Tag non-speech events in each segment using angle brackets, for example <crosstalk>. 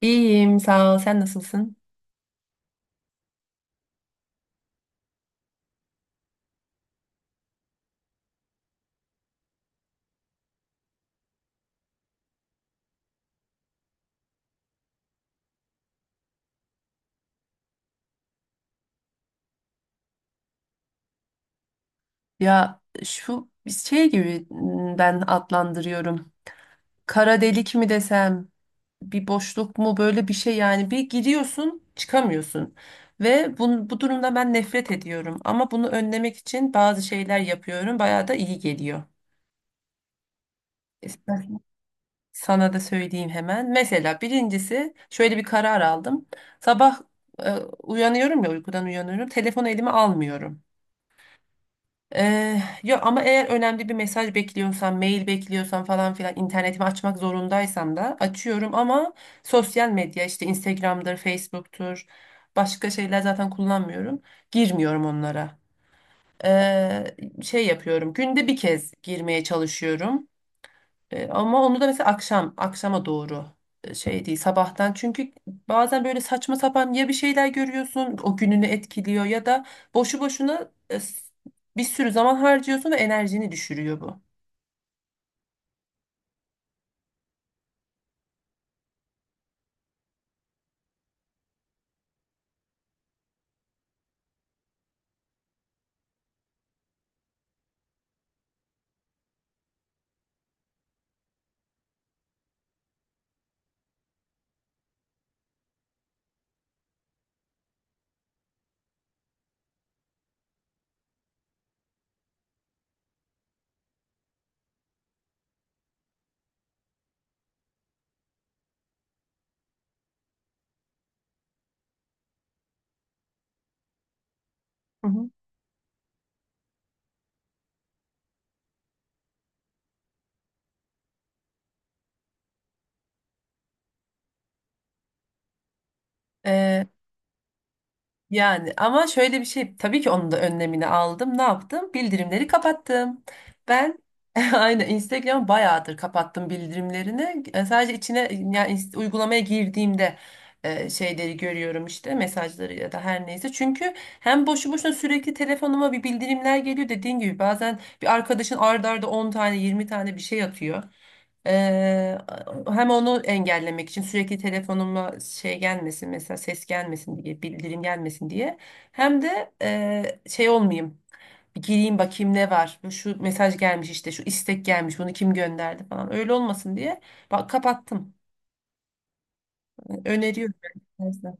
İyiyim, sağ ol. Sen nasılsın? Ya şu şey gibi ben adlandırıyorum. Kara delik mi desem, bir boşluk mu, böyle bir şey yani, bir giriyorsun, çıkamıyorsun. Ve bu durumda ben nefret ediyorum. Ama bunu önlemek için bazı şeyler yapıyorum. Bayağı da iyi geliyor. İstersen sana da söyleyeyim hemen. Mesela birincisi şöyle bir karar aldım. Sabah e, uyanıyorum, ya uykudan uyanıyorum. Telefonu elime almıyorum. Yok, ama eğer önemli bir mesaj bekliyorsam, mail bekliyorsam falan filan, internetimi açmak zorundaysam da açıyorum, ama sosyal medya, işte Instagram'dır, Facebook'tur, başka şeyler zaten kullanmıyorum. Girmiyorum onlara. Ee, Şey yapıyorum, günde bir kez girmeye çalışıyorum. Ama onu da mesela akşam, akşama doğru, şey değil sabahtan. Çünkü bazen böyle saçma sapan ya bir şeyler görüyorsun, o gününü etkiliyor, ya da boşu boşuna bir sürü zaman harcıyorsun ve enerjini düşürüyor bu. Hı hı. Yani ama şöyle bir şey, tabii ki onun da önlemini aldım. Ne yaptım? Bildirimleri kapattım. Ben <laughs> aynen, Instagram bayağıdır kapattım bildirimlerini. Sadece içine, yani uygulamaya girdiğimde şeyleri görüyorum, işte mesajları ya da her neyse. Çünkü hem boşu boşuna sürekli telefonuma bir bildirimler geliyor, dediğin gibi bazen bir arkadaşın arda arda 10 tane 20 tane bir şey atıyor. Ee, Hem onu engellemek için, sürekli telefonuma şey gelmesin mesela, ses gelmesin diye, bildirim gelmesin diye, hem de şey olmayayım, bir gireyim bakayım ne var, bu şu mesaj gelmiş, işte şu istek gelmiş, bunu kim gönderdi falan, öyle olmasın diye bak, kapattım. Öneriyorum ben.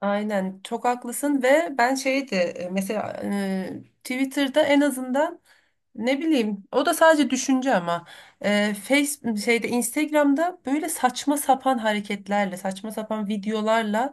Aynen, çok haklısın. Ve ben şeydi, mesela Twitter'da en azından, ne bileyim, o da sadece düşünce. Ama Face şeyde, Instagram'da böyle saçma sapan hareketlerle, saçma sapan videolarla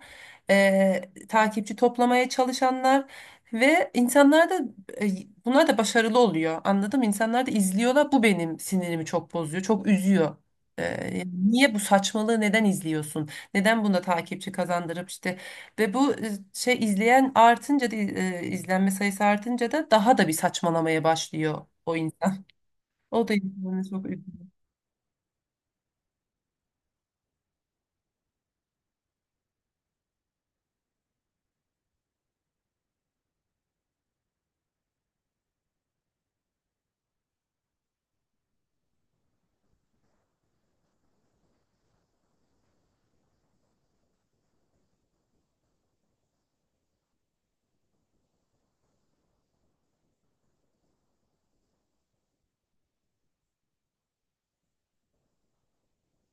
e, takipçi toplamaya çalışanlar ve insanlar da e, bunlar da başarılı oluyor, anladım mı? İnsanlar da izliyorlar. Bu benim sinirimi çok bozuyor, çok üzüyor. Niye bu saçmalığı neden izliyorsun? Neden buna takipçi kazandırıp işte, ve bu şey, izleyen artınca da izlenme sayısı artınca da daha da bir saçmalamaya başlıyor o insan. <laughs> O da insanı çok üzüyor.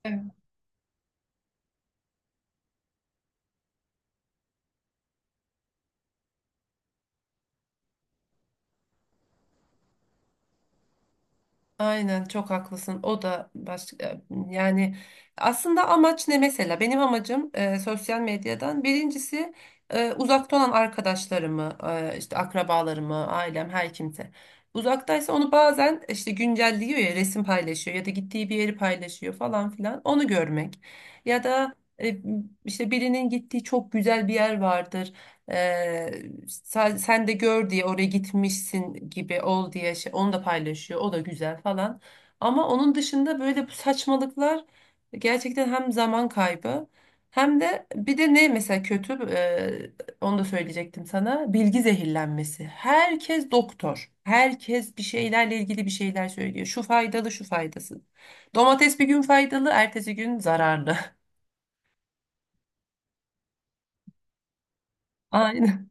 Evet. Aynen, çok haklısın. O da başka, yani aslında amaç ne mesela? Benim amacım sosyal medyadan birincisi uzakta olan arkadaşlarımı, işte akrabalarımı, ailem, her kimse, uzaktaysa, onu bazen işte güncelliyor, ya resim paylaşıyor ya da gittiği bir yeri paylaşıyor falan filan, onu görmek. Ya da e, işte birinin gittiği çok güzel bir yer vardır. Ee, sen de gör diye, oraya gitmişsin gibi ol diye şey, onu da paylaşıyor. O da güzel falan. Ama onun dışında böyle bu saçmalıklar gerçekten hem zaman kaybı, hem de bir de ne mesela, kötü onu da söyleyecektim sana: bilgi zehirlenmesi. Herkes doktor. Herkes bir şeylerle ilgili bir şeyler söylüyor. Şu faydalı, şu faydasız. Domates bir gün faydalı, ertesi gün zararlı. <laughs> Aynen.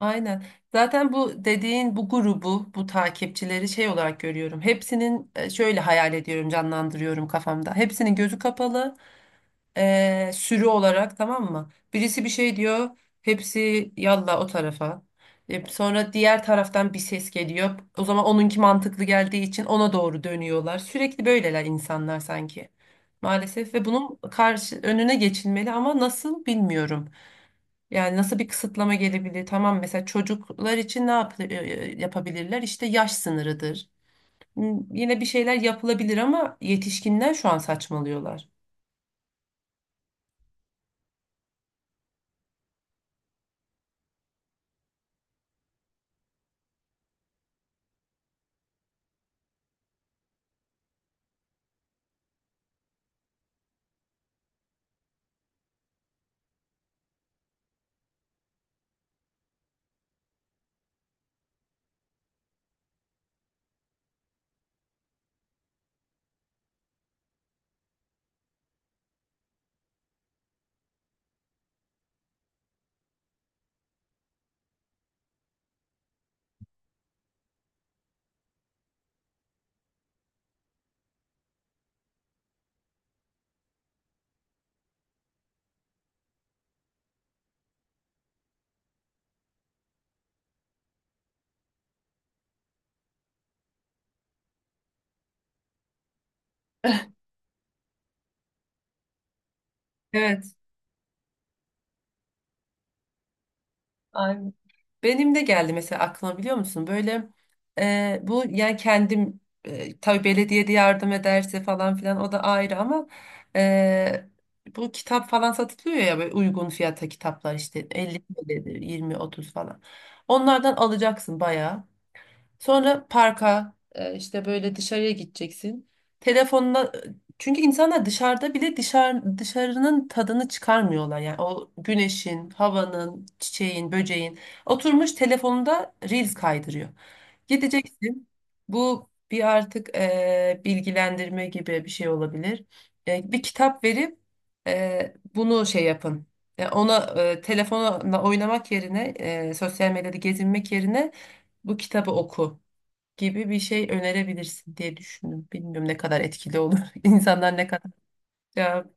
Aynen. Zaten bu dediğin, bu grubu, bu takipçileri şey olarak görüyorum. Hepsinin şöyle hayal ediyorum, canlandırıyorum kafamda: hepsinin gözü kapalı, sürü olarak, tamam mı? Birisi bir şey diyor, hepsi yalla o tarafa. Sonra diğer taraftan bir ses geliyor, o zaman onunki mantıklı geldiği için ona doğru dönüyorlar. Sürekli böyleler insanlar sanki. Maalesef. Ve bunun karşı önüne geçilmeli, ama nasıl bilmiyorum. Yani nasıl bir kısıtlama gelebilir? Tamam, mesela çocuklar için ne yapabilirler? İşte yaş sınırıdır. Yine bir şeyler yapılabilir, ama yetişkinler şu an saçmalıyorlar. Evet. Aynen. Benim de geldi mesela aklıma, biliyor musun? Böyle bu, yani kendim, tabii belediye de yardım ederse falan filan, o da ayrı, ama e, bu kitap falan satılıyor ya, böyle uygun fiyata kitaplar, işte 50 TL'dir, 20-30 falan. Onlardan alacaksın bayağı. Sonra parka işte böyle dışarıya gideceksin. Telefonla, çünkü insanlar dışarıda bile dışarı, dışarının tadını çıkarmıyorlar. Yani o güneşin, havanın, çiçeğin, böceğin. Oturmuş telefonunda reels kaydırıyor. Gideceksin. Bu bir artık bilgilendirme gibi bir şey olabilir. Bir kitap verip bunu şey yapın. Ona telefonla oynamak yerine, sosyal medyada gezinmek yerine bu kitabı oku gibi bir şey önerebilirsin diye düşündüm. Bilmiyorum ne kadar etkili olur. <laughs> İnsanlar ne kadar cevap.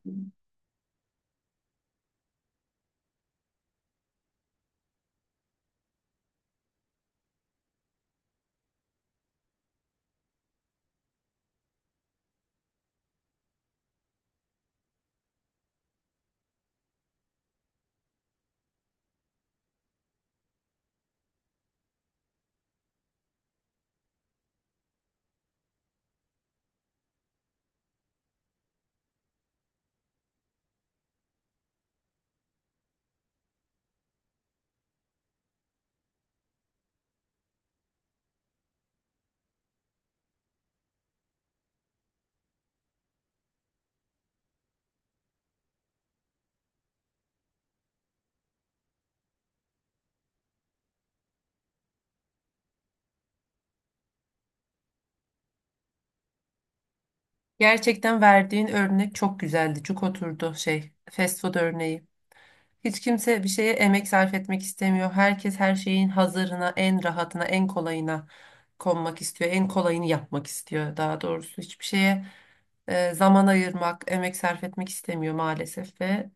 Gerçekten verdiğin örnek çok güzeldi. Çok oturdu şey, fast food örneği. Hiç kimse bir şeye emek sarf etmek istemiyor. Herkes her şeyin hazırına, en rahatına, en kolayına konmak istiyor. En kolayını yapmak istiyor, daha doğrusu. Hiçbir şeye zaman ayırmak, emek sarf etmek istemiyor maalesef. Ve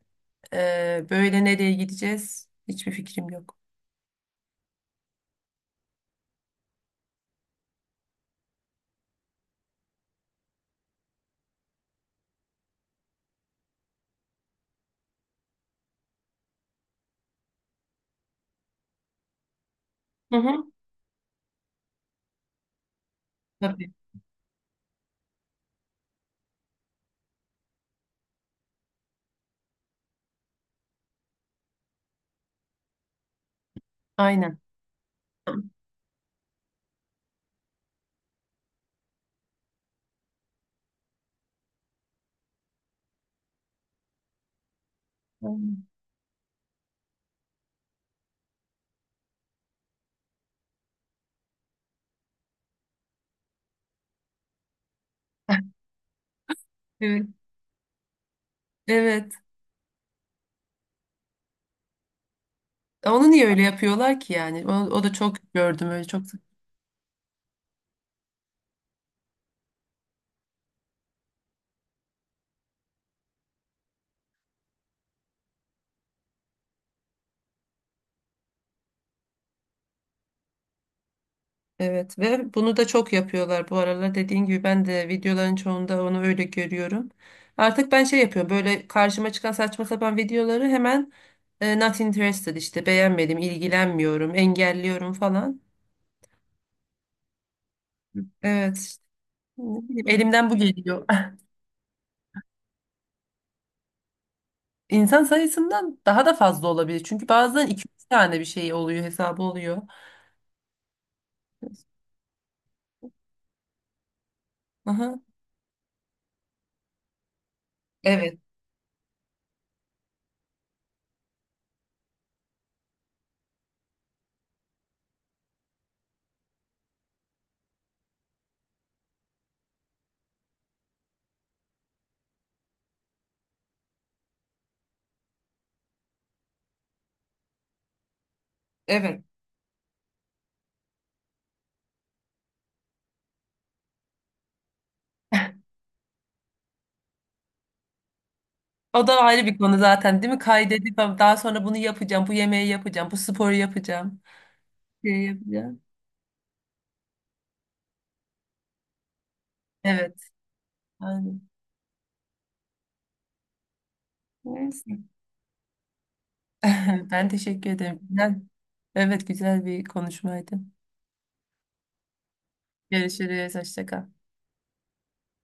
böyle nereye gideceğiz? Hiçbir fikrim yok. Hı hı. Tabii. Aynen. Aynen. Evet. Evet. Onu niye öyle yapıyorlar ki yani? O da çok gördüm, öyle çok. Evet, ve bunu da çok yapıyorlar bu aralar. Dediğin gibi ben de videoların çoğunda onu öyle görüyorum. Artık ben şey yapıyorum: böyle karşıma çıkan saçma sapan videoları hemen not interested, işte beğenmedim, ilgilenmiyorum, engelliyorum falan. Evet, işte, ne bileyim, elimden bu geliyor. <laughs> İnsan sayısından daha da fazla olabilir. Çünkü bazen iki üç tane bir şey oluyor, hesabı oluyor. Aha. Evet. Evet. O da ayrı bir konu zaten, değil mi? Kaydedip daha sonra bunu yapacağım, bu yemeği yapacağım, bu sporu yapacağım, şey yapacağım. Evet, aynen. Neyse. <laughs> Ben teşekkür ederim. Güzel. Evet, güzel bir konuşmaydı. Görüşürüz, hoşça kal.